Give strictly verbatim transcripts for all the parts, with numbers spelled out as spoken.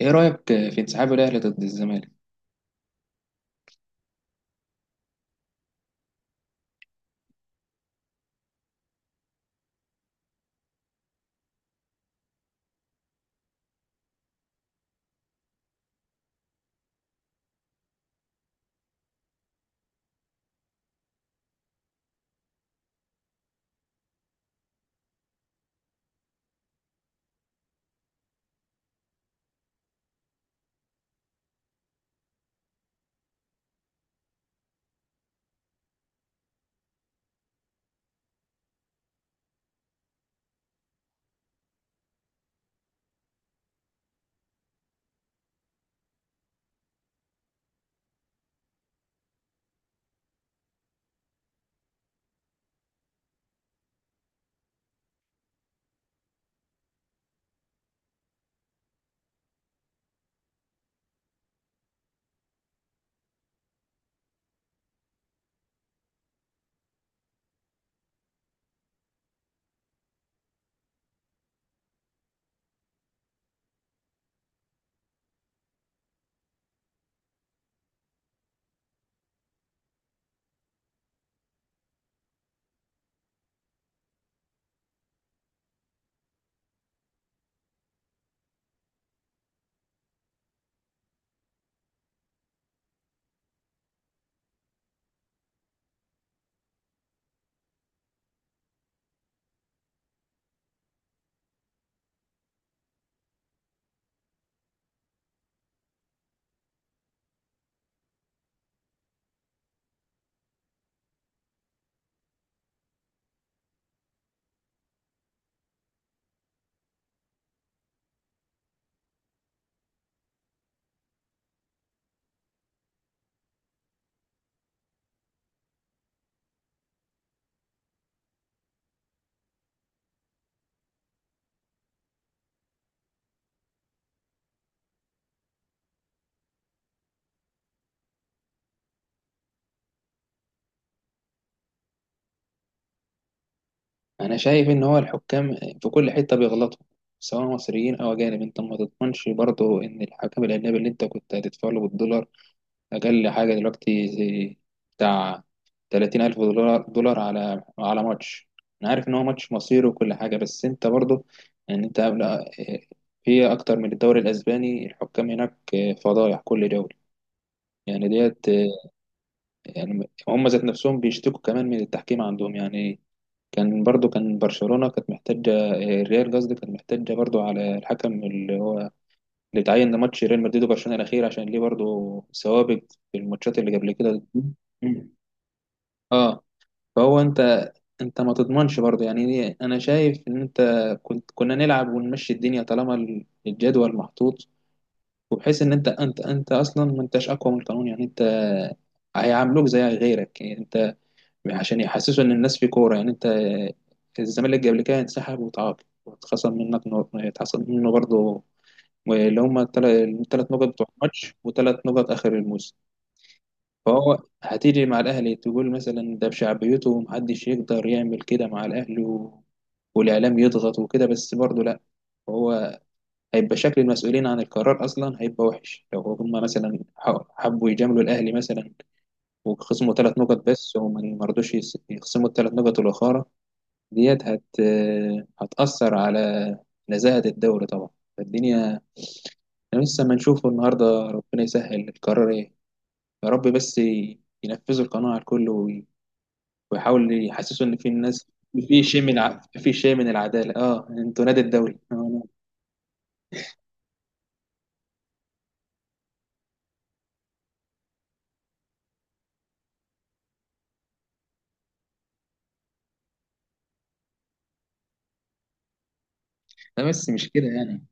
ايه رأيك في انسحاب الاهلي ضد الزمالك؟ انا شايف ان هو الحكام في كل حتة بيغلطوا، سواء مصريين او اجانب. انت ما تضمنش برضه ان الحكم الاجنبي اللي انت كنت هتدفع له بالدولار اقل حاجة دلوقتي زي بتاع ثلاثين ألف الف دولار دولار على على ماتش. انا عارف ان هو ماتش مصيري وكل حاجة، بس انت برضه، يعني انت قبل- في اكتر من الدوري الاسباني الحكام هناك فضايح كل دوري يعني ديت. يعني هم ذات نفسهم بيشتكوا كمان من التحكيم عندهم يعني. كان برضو كان برشلونة كانت محتاجة، آه، الريال قصدي، كانت محتاجة برضو على الحكم اللي هو اللي اتعين لماتش ريال مدريد وبرشلونة الأخير، عشان ليه برضو سوابق في الماتشات اللي قبل كده. مم. اه، فهو انت انت ما تضمنش برضه. يعني انا شايف ان انت كنت كنا نلعب ونمشي الدنيا، طالما ال- الجدول محطوط. وبحيث ان انت انت انت اصلا ما انتش اقوى من القانون، يعني انت هيعاملوك زي غيرك يعني، عشان يحسسوا ان الناس في كوره. يعني انت الزمالك قبل كده انسحب وتعاقب، واتخصم منك نقط، اتخصم منه برضه اللي هم الثلاث نقط بتوع الماتش وثلاث نقط اخر الموسم. فهو هتيجي مع الاهلي تقول مثلا ده بشعبيته ومحدش يقدر يعمل كده مع الاهلي، و... والاعلام يضغط وكده، بس برضه لا. هو هيبقى شكل المسؤولين عن القرار اصلا هيبقى وحش، لو هم مثلا ح- حبوا يجاملوا الاهلي مثلا، وخصموا ثلاث نقط بس، وما ما رضوش يس- يخصموا الثلاث نقط الاخرى. ديت هت هتأثر على نزاهة الدوري طبعا. فالدنيا احنا لسه ما نشوفه النهارده، ربنا يسهل القرار ايه، يا رب. بس ي- ينفذوا القناعة على الكل، وي- ويحاول يحسسوا ان في الناس في شيء من الع... في شيء من العدالة. اه، انتوا نادي الدوري. آه، لا بس مش كده يعني.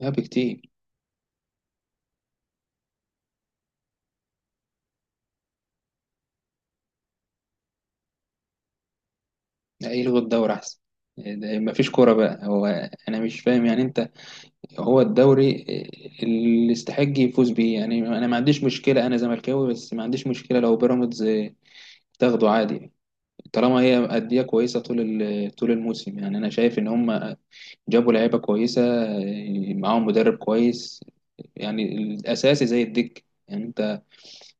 لا، بكتير. لا، يلغوا الدوري احسن، ما فيش كورة بقى. هو انا مش فاهم، يعني انت هو الدوري اللي يستحق يفوز بيه، يعني انا ما عنديش مشكله، انا زملكاوي بس ما عنديش مشكله لو بيراميدز تاخده عادي، طالما هي أندية كويسة طول ال- طول الموسم. يعني أنا شايف إن هم جابوا لعيبة كويسة، معاهم مدرب كويس، يعني الأساسي زي الدك يعني أنت.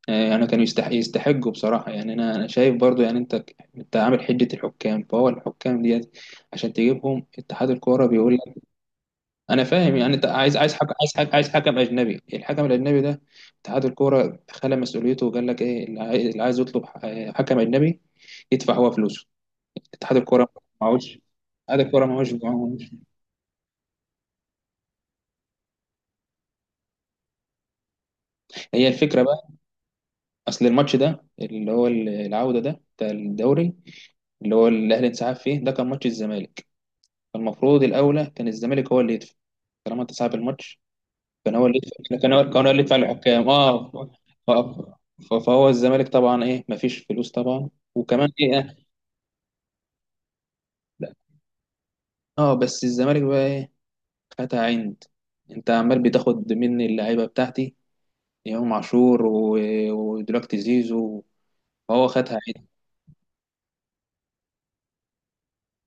يعني كانوا يستح- يستحقوا بصراحة، يعني أنا أنا شايف برضو يعني. أنت أنت عامل حجة الحكام، فهو الحكام ديت عشان تجيبهم اتحاد الكورة بيقول. انا فاهم، يعني انت عايز عايز حكم عايز حكم عايز حكم اجنبي. الحكم الاجنبي ده اتحاد الكوره خلى مسؤوليته وقال لك ايه، اللي عاي- اللي عايز يطلب ح- حكم اجنبي يدفع هو فلوسه. اتحاد الكوره معهوش، اتحاد الكوره معهوش معهوش. هي الفكره بقى. اصل الماتش ده اللي هو ال- العوده ده بتاع الدوري، اللي هو الاهلي انسحب فيه، ده كان ماتش الزمالك. فالمفروض الاولى كان الزمالك هو اللي يدفع، طالما انت صاحب الماتش، كان هو اللي يدفع كان هو كان هو اللي يدفع للحكام. اه، ف- ف- فهو الزمالك طبعا ايه، مفيش فلوس طبعا. وكمان ايه، آه، لا. اه بس الزمالك بقى ايه، خدها عند، انت عمال بتاخد مني اللعيبه بتاعتي، امام عاشور و- ودلوقتي زيزو، فهو خدها عند.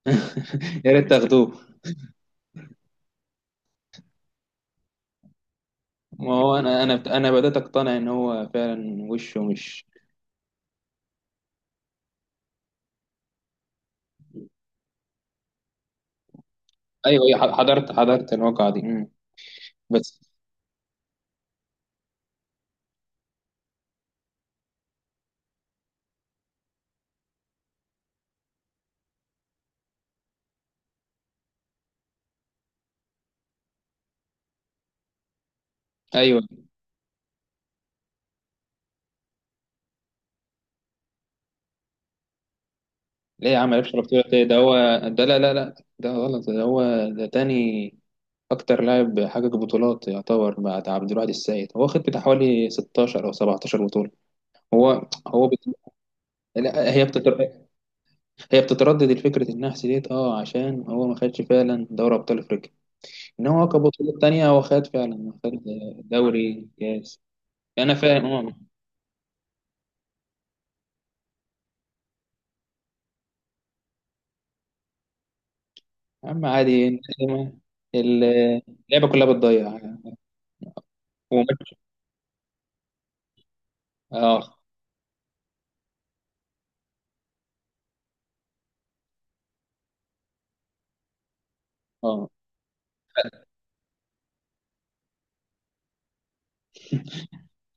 يا ريت تاخدوه. ما هو انا انا انا بدات اقتنع ان هو فعلا وشه مش. ايوه، أيوة، حضرت حضرت الواقعه دي. مم. بس. ايوه. ليه يا عم؟ لعيب شرف طويلة ايه ده هو؟ ده لا، لا، لا، ده غلط، ده هو ده تاني. أكتر لاعب حقق بطولات يعتبر بعد عبد الواحد السيد، هو واخد بتاع حوالي ستاشر أو سبعتاشر بطولة. هو هو بت... لا، هي بتتر... هي بتتردد الفكرة النحس ديت، اه، عشان هو ما خدش فعلا دوري أبطال أفريقيا، إنما هو كبطولات تانية هو خد فعلا، خد دوري كاس. أنا فاهم، اه. يا عم عادي، إنت- ال- اللعبة كلها بتضيع وما- اه، اه.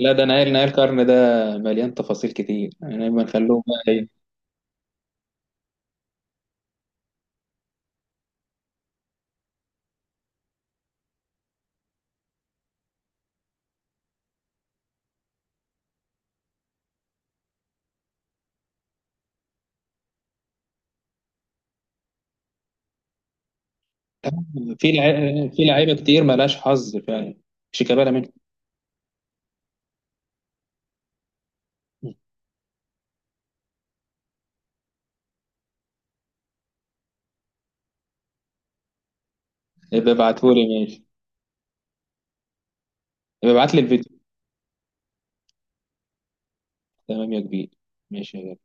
لا ده نهاية نهاية القرن، ده مليان تفاصيل كتير، يعني ما نخلوهم بقى ايه. في لعيبة في لعيبة كتير مالهاش حظ فعلا، شيكابالا منهم. يبقى ابعتهولي، ماشي. يبقى ابعتلي الفيديو. تمام يا كبير. ماشي يا